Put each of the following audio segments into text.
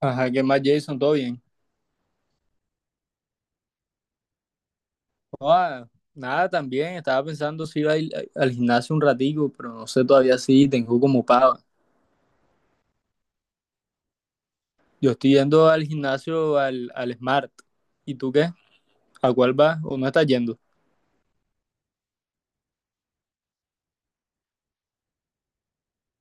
Ajá, ¿qué más, Jason? ¿Todo bien? Ah, nada, también estaba pensando si iba a ir al gimnasio un ratico, pero no sé todavía si tengo como pago. Yo estoy yendo al gimnasio al Smart. ¿Y tú qué? ¿A cuál vas o no estás yendo?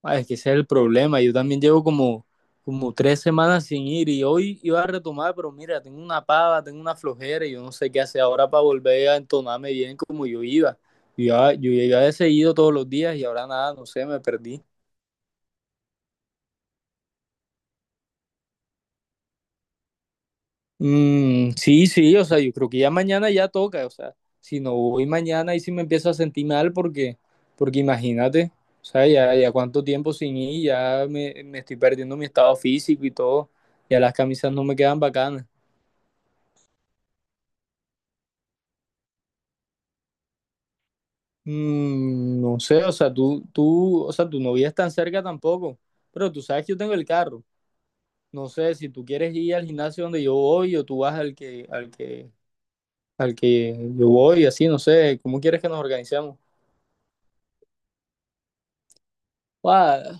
Ah, es que ese es el problema. Yo también llevo como tres semanas sin ir y hoy iba a retomar, pero mira, tengo una pava, tengo una flojera y yo no sé qué hacer ahora para volver a entonarme bien como yo iba. Yo iba he seguido todos los días y ahora nada, no sé, me perdí. Sí, sí, o sea, yo creo que ya mañana ya toca, o sea, si no voy mañana y si me empiezo a sentir mal porque imagínate, o sea, ya cuánto tiempo sin ir, me estoy perdiendo mi estado físico y todo, ya las camisas no me quedan bacanas. No sé, o sea, tú, o sea, tu novia es tan cerca tampoco, pero tú sabes que yo tengo el carro, no sé, si tú quieres ir al gimnasio donde yo voy o tú vas al que yo voy, así, no sé, ¿cómo quieres que nos organicemos? Guau,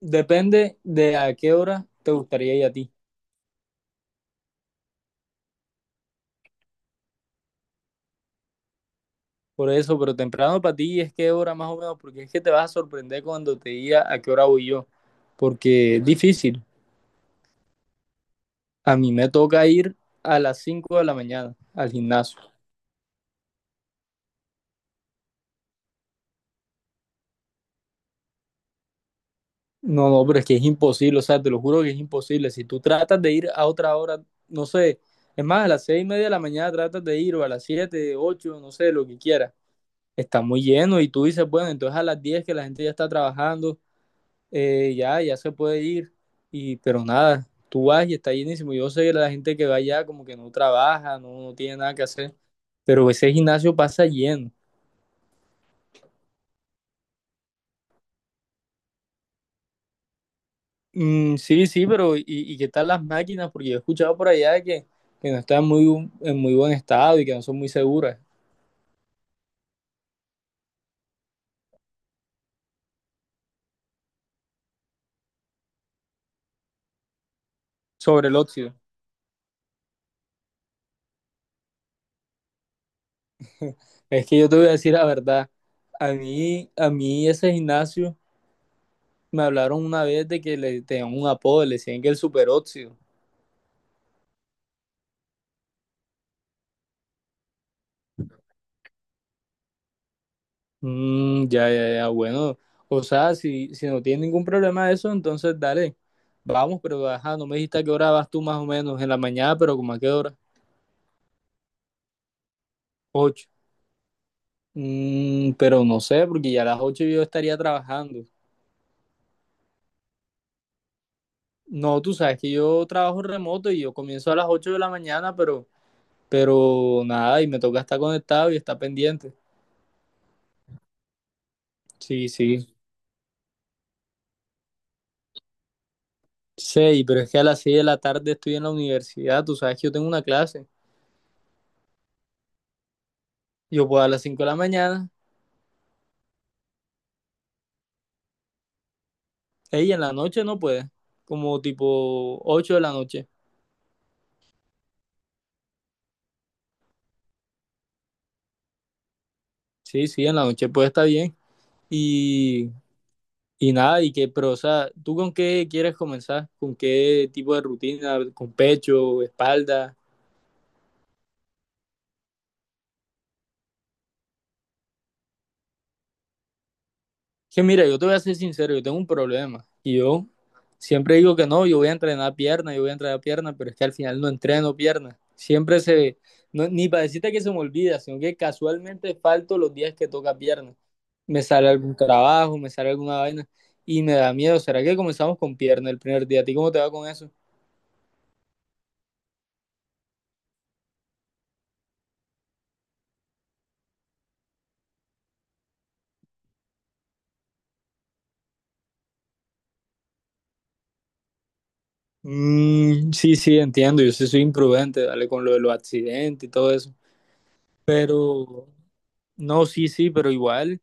depende de a qué hora te gustaría ir a ti. Por eso, pero temprano para ti es qué hora más o menos, porque es que te vas a sorprender cuando te diga a qué hora voy yo, porque es difícil. A mí me toca ir a las 5 de la mañana al gimnasio. No, no, pero es que es imposible, o sea, te lo juro que es imposible. Si tú tratas de ir a otra hora, no sé, es más, a las 6 y media de la mañana tratas de ir, o a las 7, 8, no sé, lo que quieras. Está muy lleno y tú dices, bueno, entonces a las 10 que la gente ya está trabajando, ya se puede ir, y, pero nada, tú vas y está llenísimo. Yo sé que la gente que va allá como que no trabaja, no tiene nada que hacer, pero ese gimnasio pasa lleno. Sí, sí, pero y qué tal las máquinas? Porque yo he escuchado por allá que no están en muy buen estado y que no son muy seguras sobre el óxido. Es que yo te voy a decir la verdad, a mí ese gimnasio me hablaron una vez de que le tenían un apodo, le decían que el superóxido. Mm, ya, ya, ya, bueno. O sea, si no tienes ningún problema de eso, entonces dale, vamos, pero ajá, no me dijiste a qué hora vas tú más o menos, en la mañana, pero como a qué hora, ocho. Pero no sé, porque ya a las ocho yo estaría trabajando. No, tú sabes que yo trabajo remoto y yo comienzo a las ocho de la mañana, pero, nada, y me toca estar conectado y estar pendiente. Sí, sí. Sí, pero es que a las seis de la tarde estoy en la universidad, tú sabes que yo tengo una clase. Yo puedo a las cinco de la mañana. Ey, en la noche no puede, como tipo 8 de la noche. Sí, sí, en la noche puede estar bien. Y, y nada, y que, pero, o sea, ¿tú con qué quieres comenzar? ¿Con qué tipo de rutina? ¿Con pecho, espalda? Que mira, yo te voy a ser sincero, yo tengo un problema. Y yo siempre digo que no, yo voy a entrenar pierna, yo voy a entrenar pierna, pero es que al final no entreno pierna. No, ni para decirte que se me olvida, sino que casualmente falto los días que toca pierna. Me sale algún trabajo, me sale alguna vaina y me da miedo. ¿Será que comenzamos con pierna el primer día? ¿A ti cómo te va con eso? Sí, sí, entiendo. Yo sí soy imprudente, dale, con lo de los accidentes y todo eso. Pero, no, sí, sí, pero igual.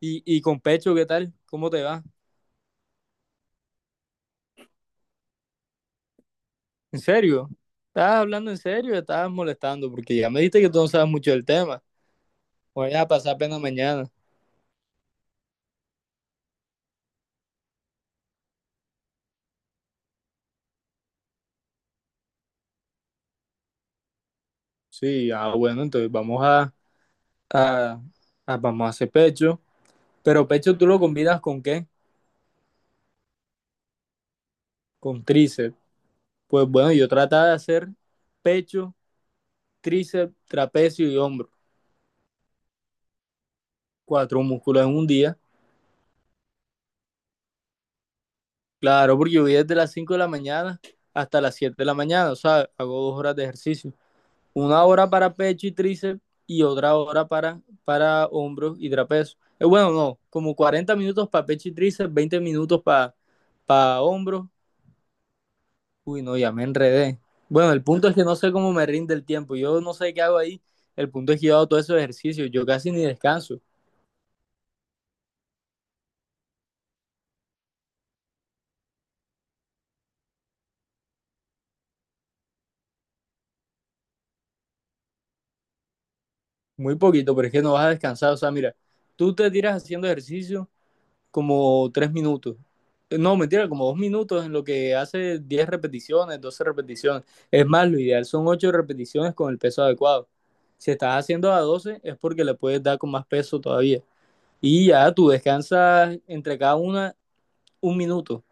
¿Y con pecho qué tal? ¿Cómo te va? ¿En serio? ¿Estás hablando en serio? ¿O estás molestando? Porque ya me dijiste que tú no sabes mucho del tema. Voy a pasar pena mañana. Sí, ah, bueno, entonces a, vamos a hacer pecho. ¿Pero pecho tú lo combinas con qué? Con tríceps. Pues bueno, yo trataba de hacer pecho, tríceps, trapecio y hombro. Cuatro músculos en un día. Claro, porque yo voy desde las 5 de la mañana hasta las 7 de la mañana. O sea, hago dos horas de ejercicio. Una hora para pecho y tríceps y otra hora para hombros y trapecio. Bueno, no, como 40 minutos para pecho y tríceps, 20 minutos para hombros. Uy, no, ya me enredé. Bueno, el punto es que no sé cómo me rinde el tiempo. Yo no sé qué hago ahí. El punto es que yo hago todos esos ejercicios. Yo casi ni descanso. Muy poquito, pero es que no vas a descansar. O sea, mira, tú te tiras haciendo ejercicio como tres minutos. No, mentira, como dos minutos en lo que hace 10 repeticiones, 12 repeticiones. Es más, lo ideal son 8 repeticiones con el peso adecuado. Si estás haciendo a 12 es porque le puedes dar con más peso todavía. Y ya tú descansas entre cada una un minuto.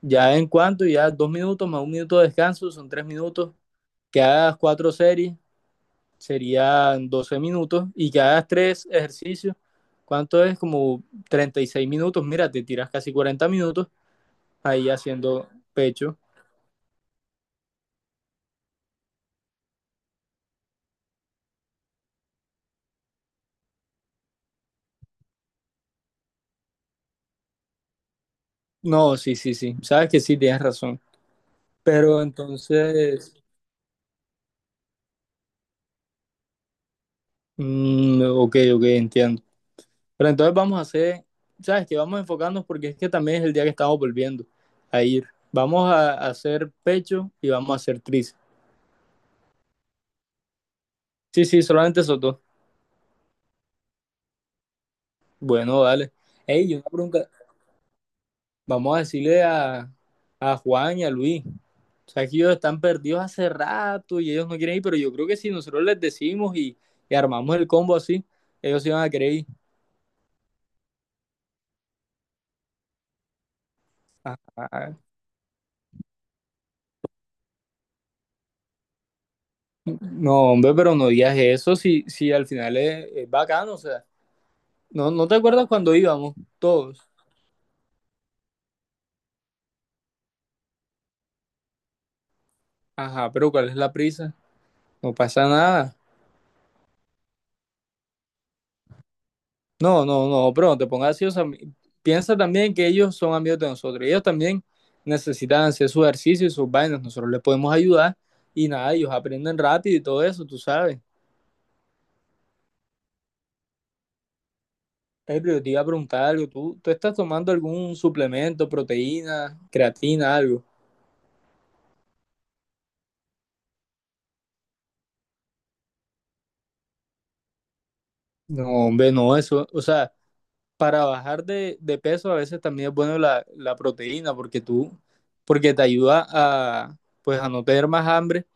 Ya en cuanto, ya dos minutos más un minuto de descanso, son tres minutos. Que hagas cuatro series serían 12 minutos y que hagas tres ejercicios. ¿Cuánto es? Como 36 minutos. Mira, te tiras casi 40 minutos ahí haciendo pecho. No, sí, sí, sí. Sabes que sí, tienes razón. Pero entonces, ok, ok, entiendo. Pero entonces vamos a hacer, ¿sabes que Vamos a enfocarnos porque es que también es el día que estamos volviendo a ir. Vamos a hacer pecho y vamos a hacer tríceps. Sí, sí, solamente eso dos. Bueno, dale. Ey, una pregunta, vamos a decirle a Juan y a Luis. O sea, que ellos están perdidos hace rato y ellos no quieren ir, pero yo creo que si nosotros les decimos y armamos el combo así, ellos se van a querer ir. Ajá. No, hombre, pero no digas eso si al final es bacano. O sea, no, ¿no te acuerdas cuando íbamos todos? Ajá, ¿pero cuál es la prisa? No pasa nada. No, no, no, pero no te pongas así. O sea, piensa también que ellos son amigos de nosotros. Ellos también necesitan hacer su ejercicio y sus vainas. Nosotros les podemos ayudar y nada, ellos aprenden rápido y todo eso, tú sabes. Ey, pero yo te iba a preguntar algo. ¿Tú estás tomando algún suplemento, proteína, creatina, algo? No, hombre, no, eso. O sea, para bajar de peso a veces también es bueno la proteína porque te ayuda a, pues, a no tener más hambre.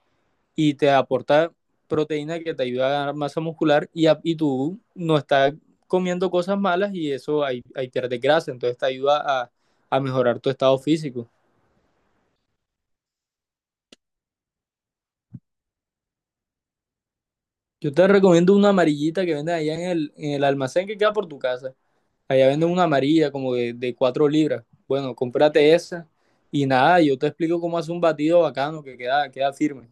Y te aporta proteína que te ayuda a ganar masa muscular y tú no estás comiendo cosas malas y eso ahí, pierdes grasa, entonces te ayuda a mejorar tu estado físico. Yo te recomiendo una amarillita que venden allá en el almacén que queda por tu casa. Allá venden una amarilla como de 4 libras. Bueno, cómprate esa y nada, yo te explico cómo hacer un batido bacano que queda firme.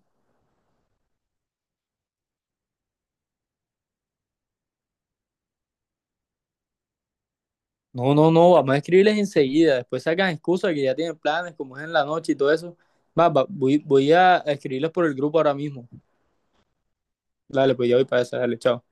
No, no, no, vamos a escribirles enseguida. Después sacan excusas que ya tienen planes, como es en la noche y todo eso. Voy a escribirles por el grupo ahora mismo. Dale, pues ya voy para esa, dale, chao.